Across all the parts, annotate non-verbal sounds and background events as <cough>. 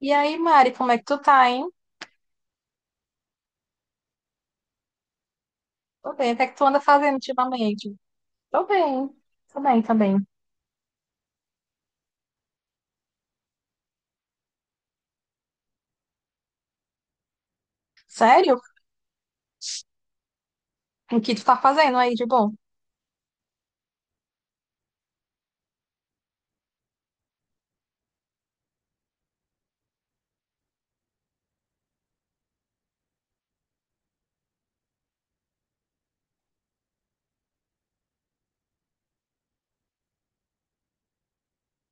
E aí, Mari, como é que tu tá, hein? Tô bem. O que é que tu anda fazendo ultimamente? Tô bem. Tô bem, tô bem. Sério? O que tu tá fazendo aí de bom?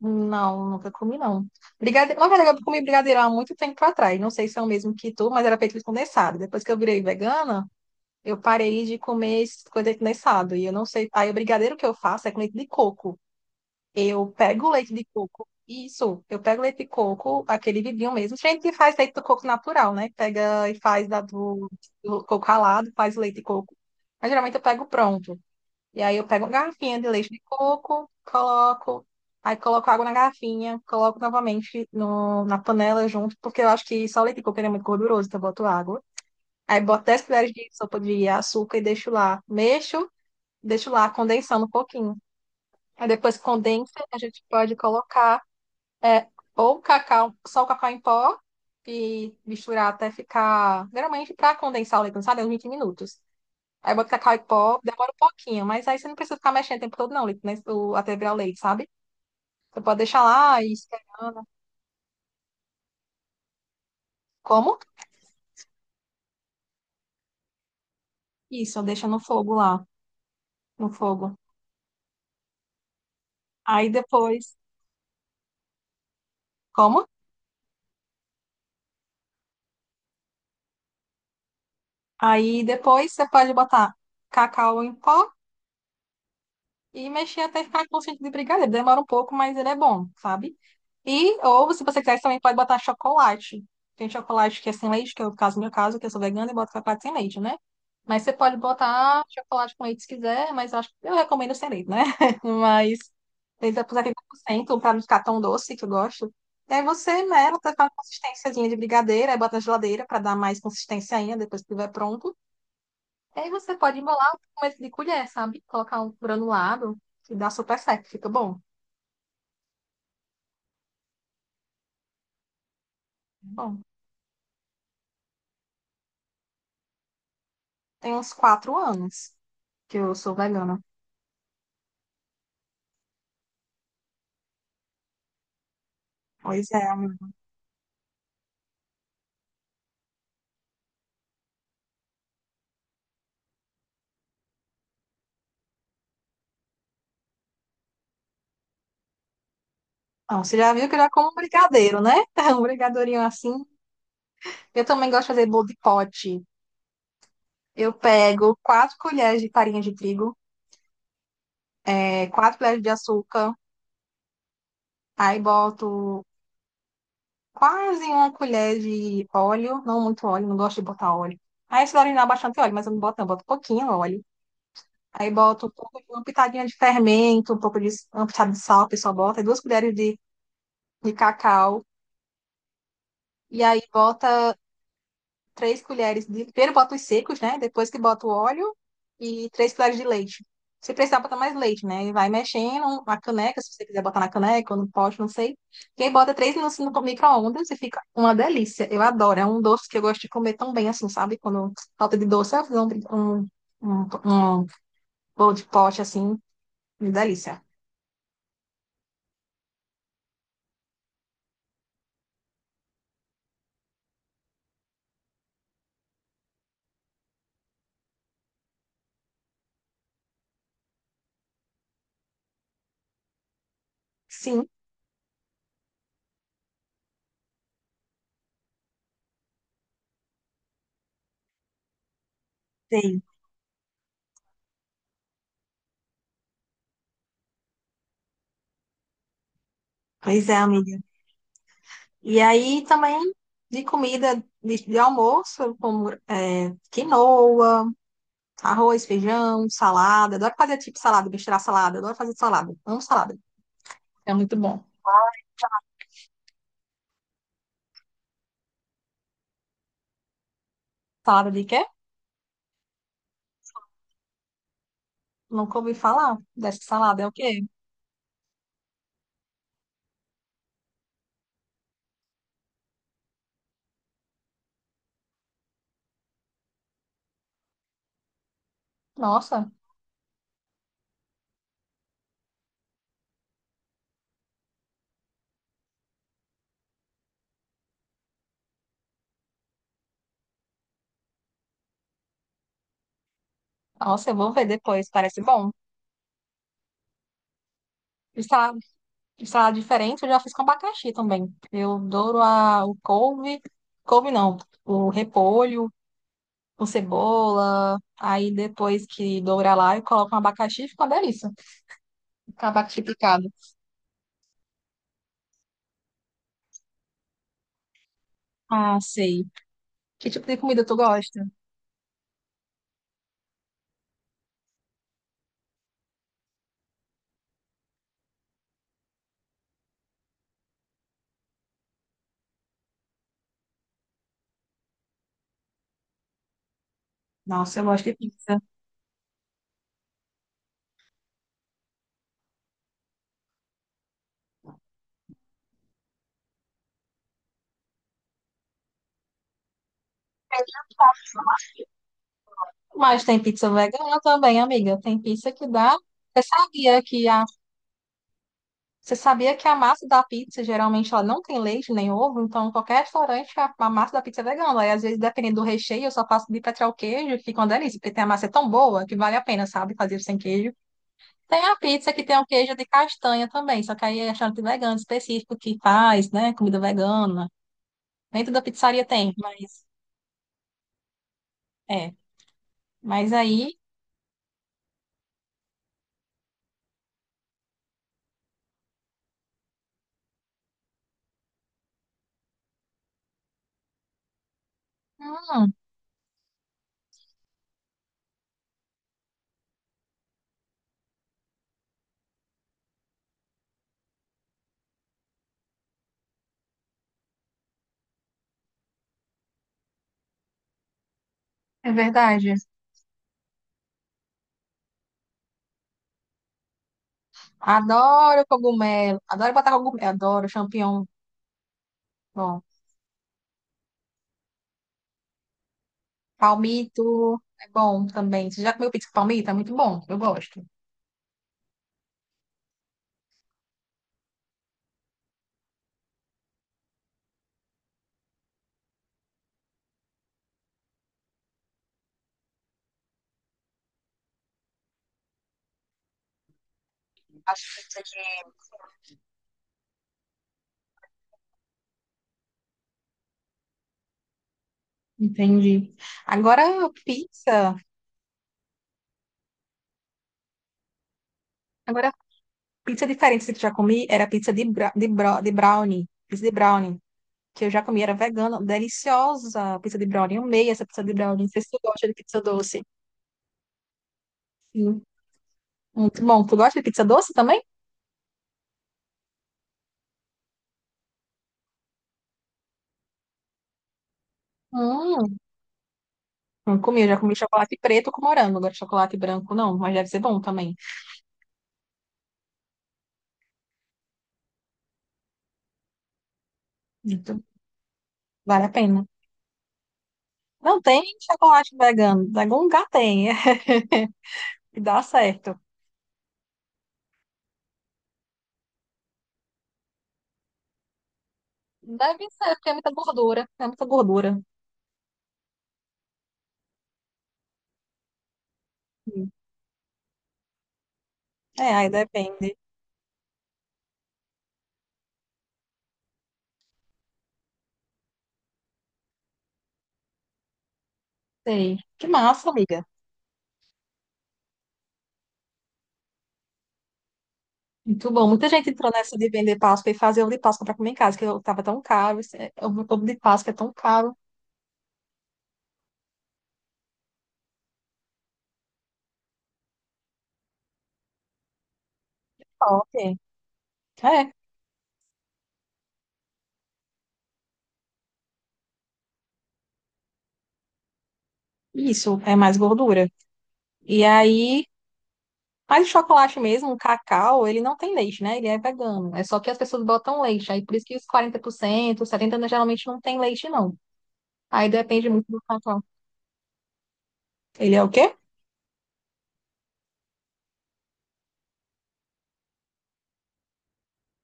Não, nunca comi, não. Brigadeiro. Na verdade, eu comi brigadeiro há muito tempo atrás. Não sei se é o mesmo que tu, mas era feito de condensado. Depois que eu virei vegana, eu parei de comer esse coisa de condensado. E eu não sei. Aí o brigadeiro que eu faço é com leite de coco. Eu pego o leite de coco. Isso, eu pego o leite de coco, aquele vidinho mesmo. Tem gente que faz leite de coco natural, né? Pega e faz do coco ralado, faz o leite de coco. Mas geralmente eu pego pronto. E aí eu pego uma garrafinha de leite de coco, coloco, aí coloco água na garrafinha, coloco novamente no, na panela junto, porque eu acho que só o leite de coco ele é muito gorduroso, então eu boto água. Aí boto 10 colheres de sopa de açúcar e deixo lá. Mexo, deixo lá condensando um pouquinho. Aí depois que condensa, a gente pode colocar é, ou cacau, só o cacau em pó e misturar até ficar. Geralmente, para condensar o leite condensado, é uns 20 minutos. Aí bota cacau em pó, demora um pouquinho, mas aí você não precisa ficar mexendo o tempo todo, não, o leite, né, até virar o leite, sabe? Você pode deixar lá e esperando. Como? Isso, deixa no fogo lá, no fogo. Aí depois. Como? Aí depois você pode botar cacau em pó e mexer até ficar com sentido de brigadeiro. Demora um pouco, mas ele é bom, sabe? Ou, se você quiser, você também pode botar chocolate. Tem chocolate que é sem leite, que é o caso, meu caso, que eu sou vegana e boto chocolate sem leite, né? Mas você pode botar chocolate com leite se quiser, mas eu acho que eu recomendo sem leite, né? <laughs> Mas ele vai puser 30% para não ficar tão doce, que eu gosto. E aí você mela, tá com uma consistênciazinha de brigadeiro, aí bota na geladeira para dar mais consistência ainda depois que estiver pronto. E aí você pode embolar com começo de colher, sabe? Colocar um granulado e dá super certo, fica bom. Bom, tem uns 4 anos que eu sou vegana. Pois é. Ah, você já viu que eu já como brigadeiro, né? <laughs> Um brigadeirinho assim. Eu também gosto de fazer bolo de pote. Eu pego 4 colheres de farinha de trigo, 4 colheres de açúcar, aí boto quase uma colher de óleo, não muito óleo, não gosto de botar óleo. Aí esse óleo dá bastante óleo, mas eu não boto, não, boto pouquinho óleo. Aí bota um pouco, de uma pitadinha de fermento, um pouco de uma pitada de sal, o pessoal bota, e 2 colheres de cacau. E aí bota 3 colheres de. Primeiro bota os secos, né? Depois que bota o óleo e 3 colheres de leite. Se precisar botar mais leite, né? E vai mexendo na caneca, se você quiser botar na caneca ou no pote, não sei. E aí bota 3 minutos no micro-ondas e fica uma delícia. Eu adoro. É um doce que eu gosto de comer tão bem assim, sabe? Quando falta de doce, eu fiz um, um bolo de pote assim, uma delícia. Sim. Sim, pois é, amiga. E aí também de comida de almoço, como é, quinoa, arroz, feijão, salada. Adoro fazer tipo salada, misturar salada. Adoro fazer salada. Amo salada. É muito bom. Salada de quê? Nunca ouvi falar dessa salada. É o quê? Nossa, nossa, eu vou ver depois. Parece bom. E salada, e salada diferente, eu já fiz com abacaxi também. Eu adoro o couve. Couve não, o repolho, com cebola. Aí depois que dourar lá, eu coloco um abacaxi e fica uma delícia. Fica um abacaxi picado. Ah, sei. Que tipo de comida tu gosta? Nossa, eu gosto de pizza. Mas tem pizza vegana também, amiga. Tem pizza que dá. Você sabia que a, você sabia que a massa da pizza geralmente ela não tem leite nem ovo, então qualquer restaurante a massa da pizza é vegana. Aí às vezes dependendo do recheio, eu só faço de petróleo queijo, que fica uma delícia, porque tem a massa é tão boa que vale a pena, sabe, fazer sem queijo. Tem a pizza que tem o queijo de castanha também, só que aí é restaurante vegano específico que faz, né? Comida vegana. Nem toda pizzaria tem, mas é. Mas aí, hum, é verdade. Adoro cogumelo, adoro botar cogumelo, adoro champignon, bom. Palmito é bom também. Você já comeu pizza com palmito? É muito bom, eu gosto. Acho que pizza de- Entendi. Agora pizza, agora pizza diferente que eu já comi era pizza de brownie, pizza de brownie. Que eu já comi, era vegana, deliciosa, pizza de brownie, amei essa pizza de brownie, não sei se tu gosta de pizza doce. Sim. Muito bom, tu gosta de pizza doce também? Hum, não comi, eu já comi chocolate preto com morango, agora chocolate branco não, mas deve ser bom também. Muito. Vale a pena. Não tem chocolate vegano, em algum lugar tem, <laughs> e dá certo. Deve ser, porque é muita gordura, é muita gordura. Hum. É, aí depende. Sei. Que massa, amiga. Muito bom. Muita gente entrou nessa de vender Páscoa e fazer ovo de Páscoa para comer em casa, que eu tava tão caro. Ovo de Páscoa é tão caro. Top. É, isso, é mais gordura. E aí, mas o chocolate mesmo, o cacau, ele não tem leite, né? Ele é vegano. É só que as pessoas botam leite. Aí por isso que os 40%, 70% geralmente não tem leite, não. Aí depende muito do cacau. Ele é o quê?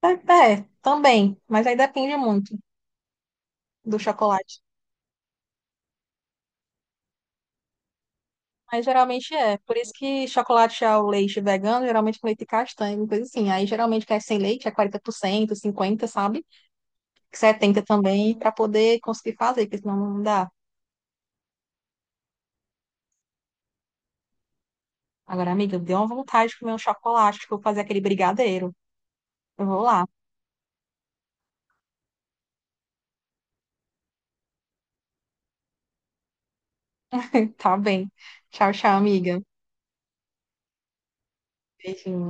É, é, também. Mas aí depende muito do chocolate. Mas geralmente é. Por isso que chocolate ao leite vegano, geralmente com leite castanho, coisa assim. Aí geralmente quer sem leite, é 40%, 50%, sabe? 70% também, para poder conseguir fazer, porque senão não dá. Agora, amiga, deu uma vontade de comer um chocolate, que eu vou fazer aquele brigadeiro. Eu vou lá. Tá bem. Tchau, tchau, amiga. Beijinho.